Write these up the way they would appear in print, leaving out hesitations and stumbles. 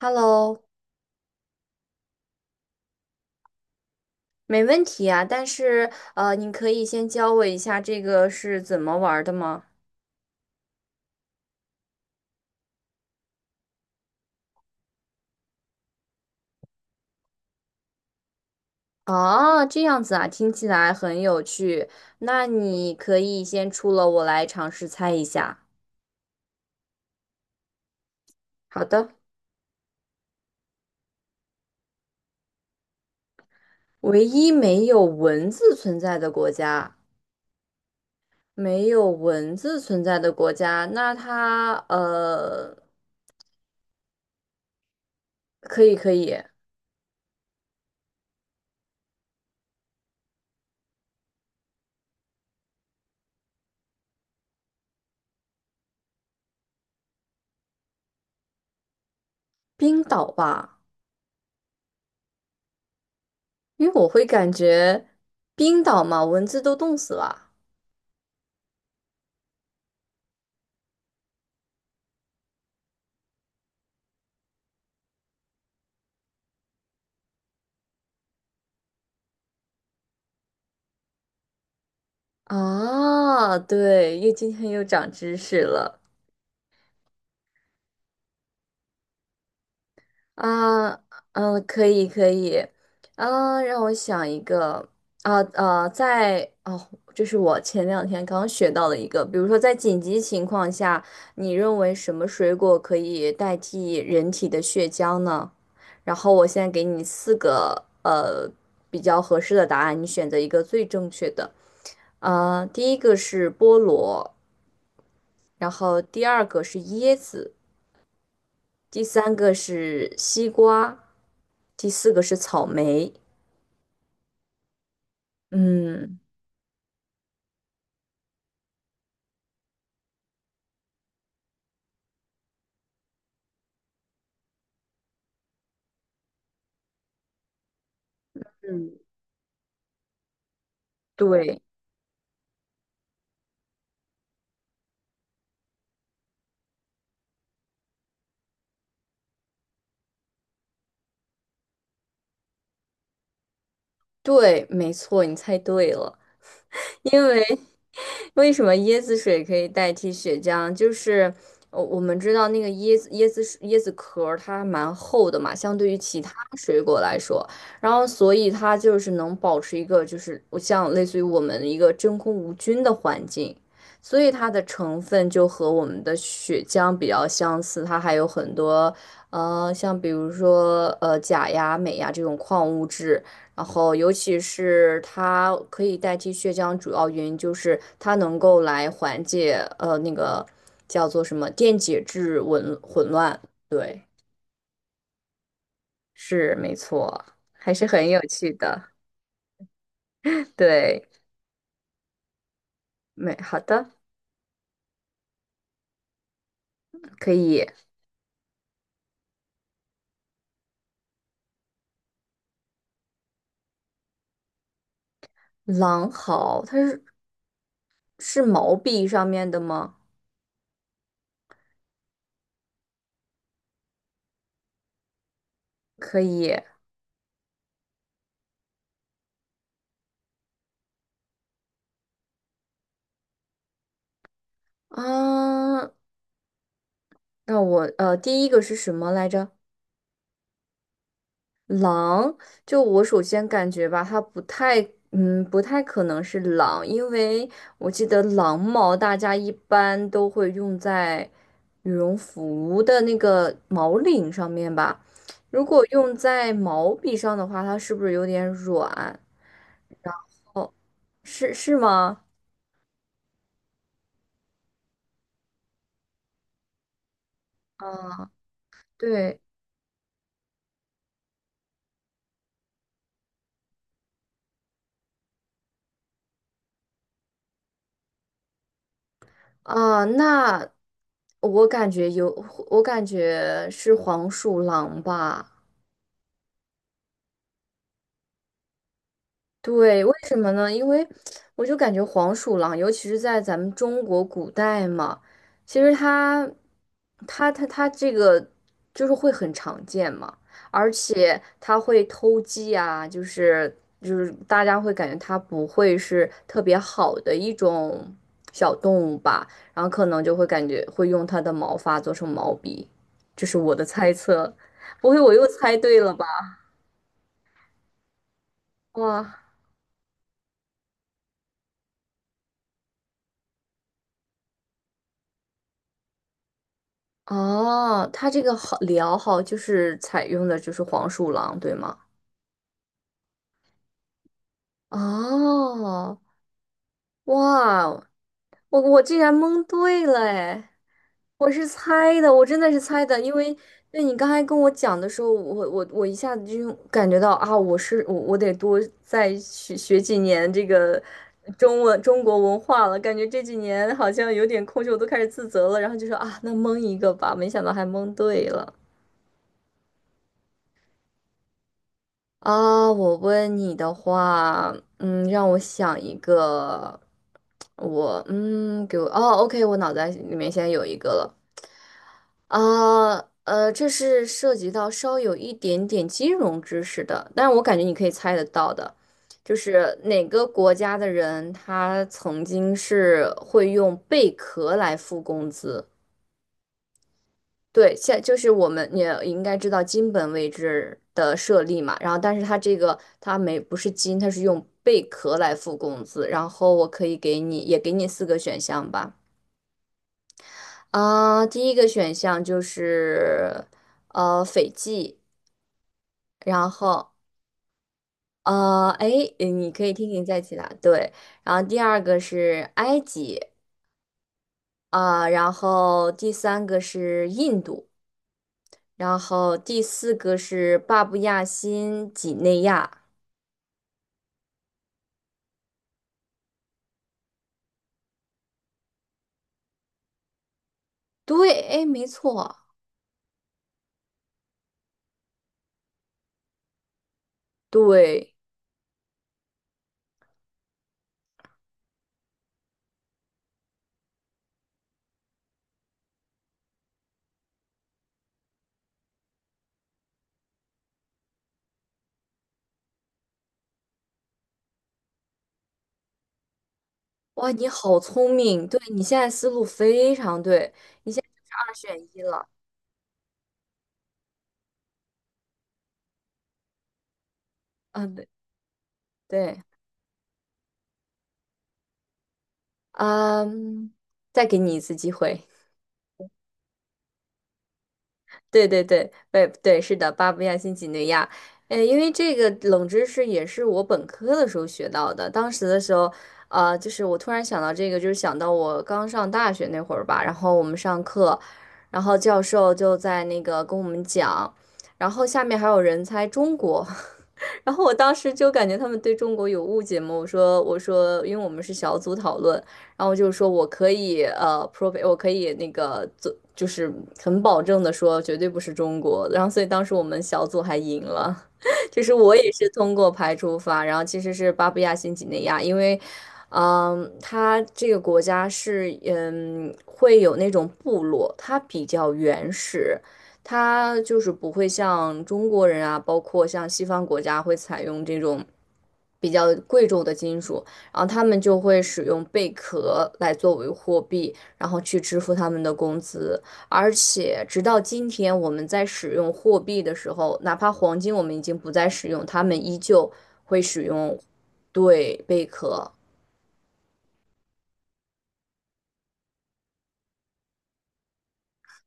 Hello，没问题啊，但是你可以先教我一下这个是怎么玩儿的吗？啊，这样子啊，听起来很有趣。那你可以先出了，我来尝试猜一下。好的，唯一没有文字存在的国家，没有文字存在的国家，那它可以可以，冰岛吧，因为我会感觉冰岛嘛，蚊子都冻死了。啊，对，又今天又长知识了。啊，嗯，可以可以，啊，让我想一个，啊啊，在哦，这是我前两天刚学到的一个，比如说在紧急情况下，你认为什么水果可以代替人体的血浆呢？然后我现在给你四个比较合适的答案，你选择一个最正确的。啊，第一个是菠萝，然后第二个是椰子。第三个是西瓜，第四个是草莓。嗯，对对，没错，你猜对了。因为。为什么椰子水可以代替血浆？就是我们知道那个椰子水椰子壳儿它蛮厚的嘛，相对于其他水果来说，然后所以它就是能保持一个就是像类似于我们一个真空无菌的环境，所以它的成分就和我们的血浆比较相似，它还有很多像比如说钾呀、镁呀这种矿物质。然后，尤其是它可以代替血浆，主要原因就是它能够来缓解那个叫做什么电解质紊混乱。对，是没错，还是很有趣的。对，没好的，可以。狼毫，它是毛笔上面的吗？可以啊。那我第一个是什么来着？狼，就我首先感觉吧，它不太，嗯，不太可能是狼，因为我记得狼毛大家一般都会用在羽绒服的那个毛领上面吧。如果用在毛笔上的话，它是不是有点软？是吗？啊，对啊，那我感觉有，我感觉是黄鼠狼吧。对，为什么呢？因为我就感觉黄鼠狼，尤其是在咱们中国古代嘛，其实它这个就是会很常见嘛，而且它会偷鸡啊，就是大家会感觉它不会是特别好的一种小动物吧，然后可能就会感觉会用它的毛发做成毛笔，这是我的猜测，不会我又猜对了吧？哇！哦，他这个好聊好就是采用的就是黄鼠狼，对吗？哦，哇哦，我竟然蒙对了哎！我是猜的，我真的是猜的，因为对你刚才跟我讲的时候，我一下子就感觉到啊，我是我我得多再学学几年这个中文中国文化了，感觉这几年好像有点空虚，我都开始自责了，然后就说啊，那蒙一个吧，没想到还蒙对了。啊，我问你的话，嗯，让我想一个，我给我哦，OK，我脑袋里面现在有一个了。啊，这是涉及到稍有一点点金融知识的，但是我感觉你可以猜得到的，就是哪个国家的人他曾经是会用贝壳来付工资？对，就是我们也应该知道金本位制的设立嘛，然后但是它这个它没不是金，它是用贝壳来付工资，然后我可以给你四个选项吧，啊、第一个选项就是斐济，然后哎你可以听听再起答对，然后第二个是埃及，啊、然后第三个是印度，然后第四个是巴布亚新几内亚。对，哎，没错，对，哇，你好聪明，对你现在思路非常对，二选一了，嗯，对对，嗯，再给你一次机会，对对对，对对，是的，巴布亚新几内亚，哎，因为这个冷知识也是我本科的时候学到的，当时的时候，就是我突然想到这个，就是想到我刚上大学那会儿吧，然后我们上课，然后教授就在那个跟我们讲。然后下面还有人猜中国，然后我当时就感觉他们对中国有误解嘛，我说，因为我们是小组讨论，然后就说我可以prove 我可以那个做，就是很保证的说绝对不是中国，然后所以当时我们小组还赢了，就是我也是通过排除法，然后其实是巴布亚新几内亚，因为。嗯，它这个国家是，会有那种部落，它比较原始，它就是不会像中国人啊，包括像西方国家会采用这种比较贵重的金属，然后他们就会使用贝壳来作为货币，然后去支付他们的工资。而且直到今天，我们在使用货币的时候，哪怕黄金我们已经不再使用，他们依旧会使用对贝壳。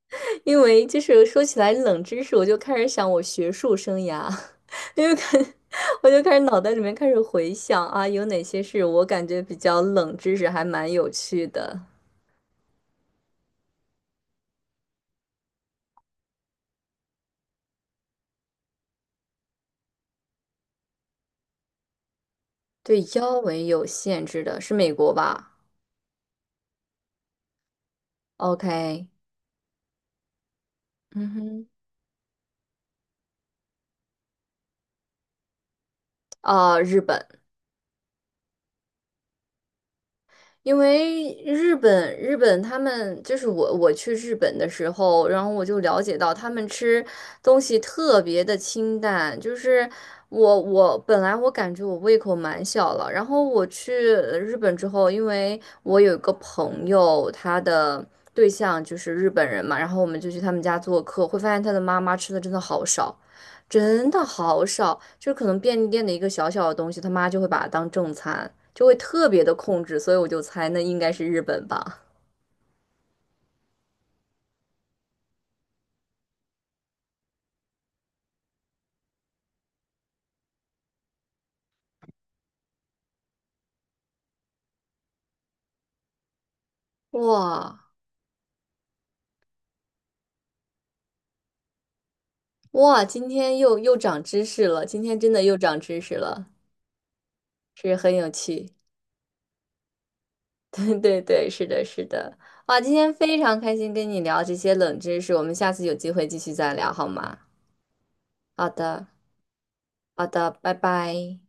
因为就是说起来冷知识，我就开始想我学术生涯。因为看，我就脑袋里面开始回想啊，有哪些是我感觉比较冷知识，还蛮有趣的。对腰围有限制的是美国吧？OK，嗯哼，啊，日本，因为日本，日本他们就是我去日本的时候，然后我就了解到他们吃东西特别的清淡，就是我本来我感觉我胃口蛮小了，然后我去日本之后，因为我有一个朋友，他的对象就是日本人嘛，然后我们就去他们家做客，会发现他的妈妈吃的真的好少。真的好少，就是可能便利店的一个小小的东西，他妈就会把它当正餐，就会特别的控制，所以我就猜那应该是日本吧。哇哇，今天又长知识了，今天真的又长知识了，是很有趣。对对对，是的，是的。哇，今天非常开心跟你聊这些冷知识，我们下次有机会继续再聊好吗？好的，好的，拜拜。